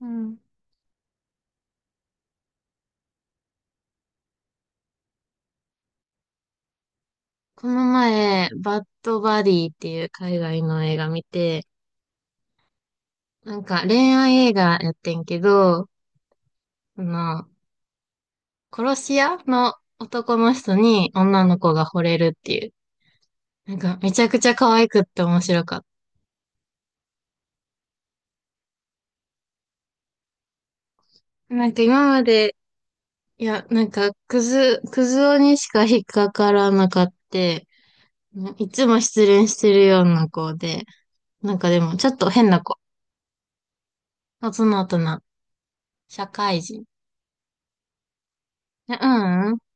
うん。この前、バッドバディっていう海外の映画見て、なんか恋愛映画やってんけど、あの、殺し屋の男の人に女の子が惚れるっていう。なんかめちゃくちゃ可愛くって面白かった。なんか今まで、いや、なんかクズ男にしか引っかからなかった。いつも失恋してるような子で、なんかでもちょっと変な子。大人大人。社会人。いや、うん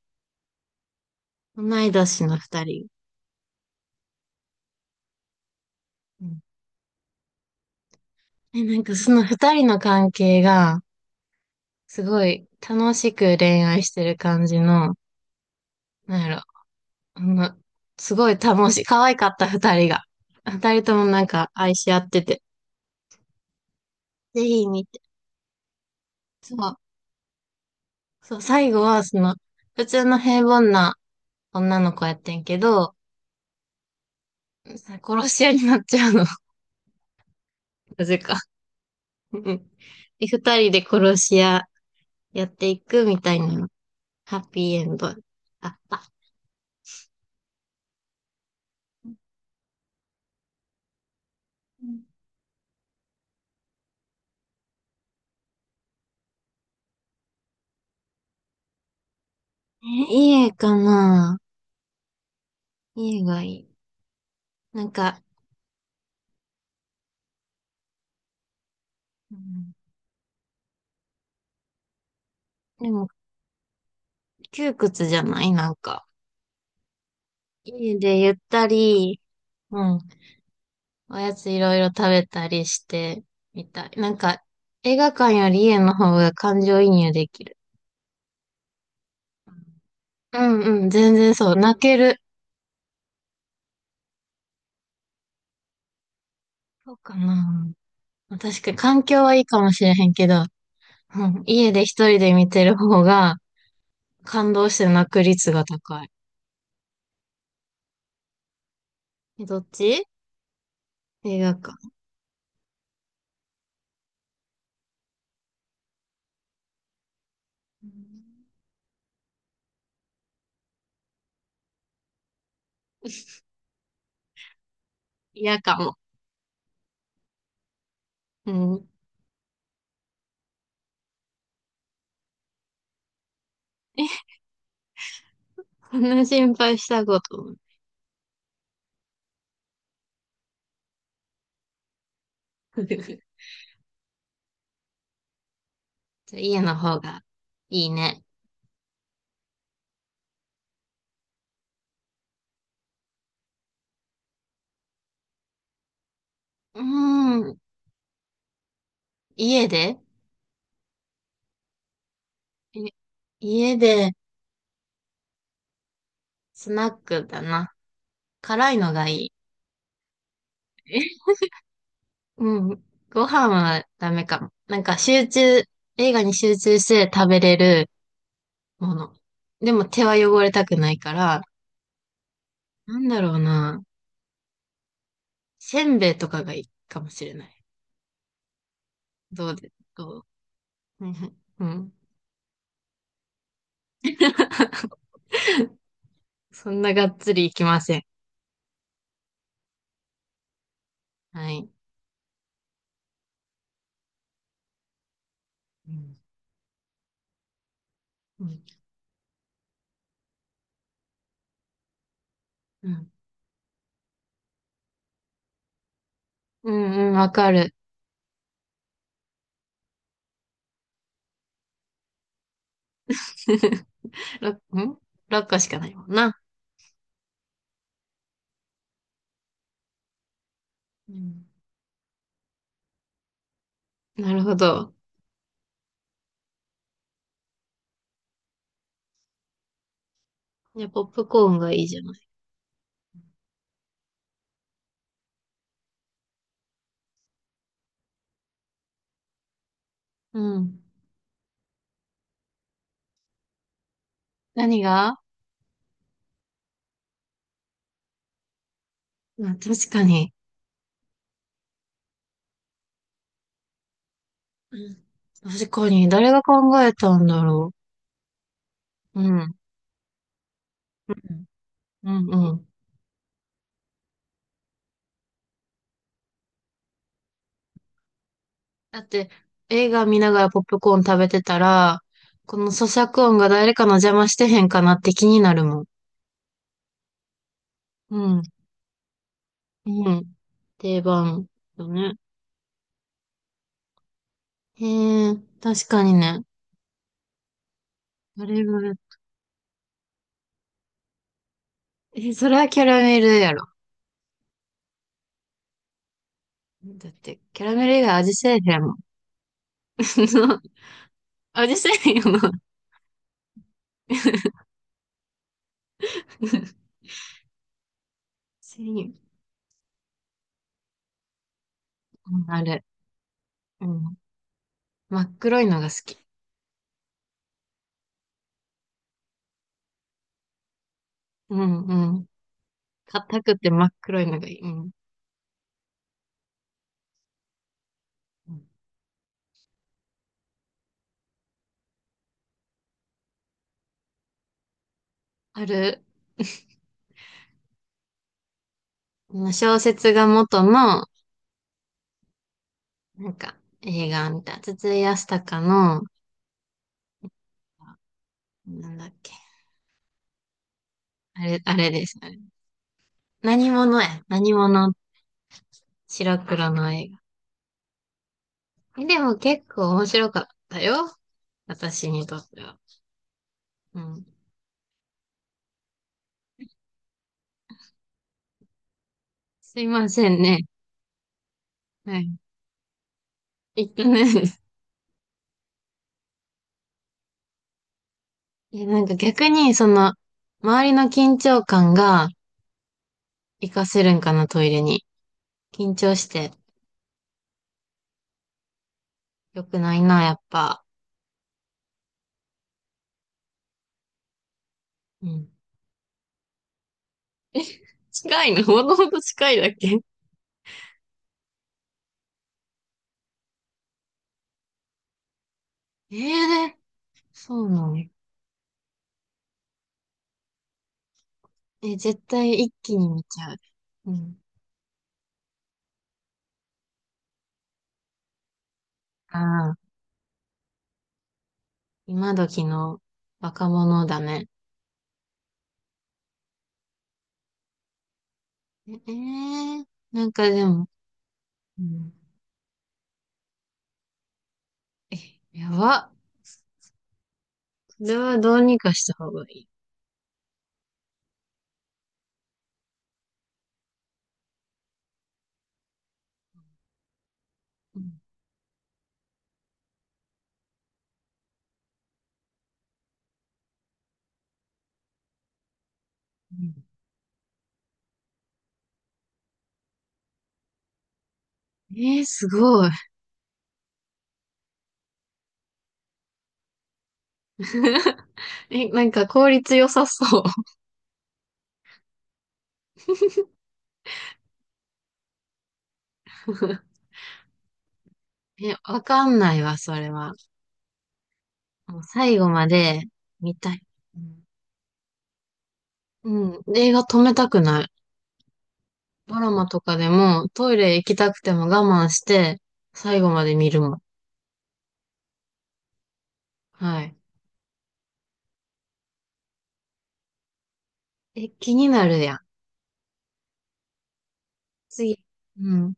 うん、同い年の二人。うん。え、なんかその二人の関係が、すごい楽しく恋愛してる感じの、なんやろ、あの、すごい楽しい、可愛かった二人が。二人ともなんか愛し合ってて、ぜひ見て。そう、そう、最後は普通の平凡な女の子やってんけど、殺し屋になっちゃうの、なぜか。うん。で、二人で殺し屋やっていくみたいな、ハッピーエンド。あった。え、いい絵かな。家がいい。なんか、うん、でも、窮屈じゃないなんか。家でゆったり、うん、おやついろいろ食べたりして、みたい。なんか、映画館より家の方が感情移入できる。うんうん、全然そう。泣ける。そうかな。確かに環境はいいかもしれへんけど、うん、家で一人で見てる方が感動して泣く率が高い。え、どっち？映画館。うん、嫌かも。うん。そんな心配したこと。家の方がいいね。うーん。家でえ家でスナックだな。辛いのがいい。え、うん。ご飯はダメかも。なんか映画に集中して食べれるもの。でも手は汚れたくないから、なんだろうな。せんべいとかがいいかもしれない。どうで、どううん。うん。 そんながっつりいきません。はい。うんうんうん。うんうん、わかる。6、ん ?6 個しかないもんな。うん。なるほど。いや、ポップコーンがいいじゃない。うん。何が？まあ、確かに。うん。確かに。誰が考えたんだろう。うん。うん。うんうん。だって、映画見ながらポップコーン食べてたら、この咀嚼音が誰かの邪魔してへんかなって気になるもん。うん。うん。定番だね。へえ、確かにね。あれがえ、それはキャラメルやろ。だって、キャラメル以外味せえへんもん。味せえへんよな。せえへん。うん、あれ。うん。真っ黒いのが好き。うんうん。硬くて真っ黒いのがいい。うん。うん、ある、小説が元の、なんか、映画みたいな。筒井康隆の、なんだっけ。あれ、あれです。あれ何者や。何者。白黒の映画。え、でも結構面白かったよ。私にとっては。うん。すいませんね。はい。えっとね、え、なんか逆に、周りの緊張感が活かせるんかな、トイレに。緊張して良くないな、やっぱ。うん。近いのほどほど近いだっけ？ええ、そうなの。え、絶対一気に見ちゃう。うん。ああ、今時の若者だね。ええー、なんかでも、うん。え、やば。これはどうにかした方がいい。うん。すごい。え、なんか効率良さそう。え、わかんないわ、それは。もう最後まで見たい。うん。うん、映画止めたくない。ドラマとかでもトイレ行きたくても我慢して最後まで見るもん。はい。え、気になるやん。次。うん。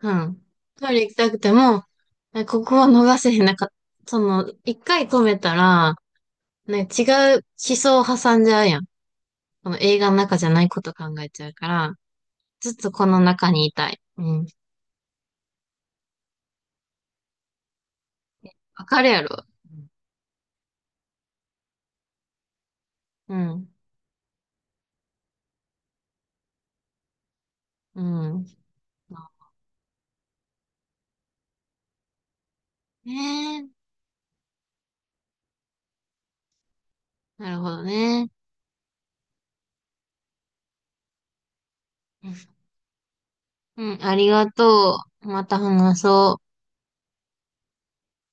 うん。トイレ行きたくても、ここは逃せへん。なんか、一回止めたら、ね、違う思想を挟んじゃうやん。その映画の中じゃないこと考えちゃうから、ずっとこの中にいたい。うん。わかるやろ。うん。うん。うんねえ。なるほどね。うん、ありがとう。また話そう。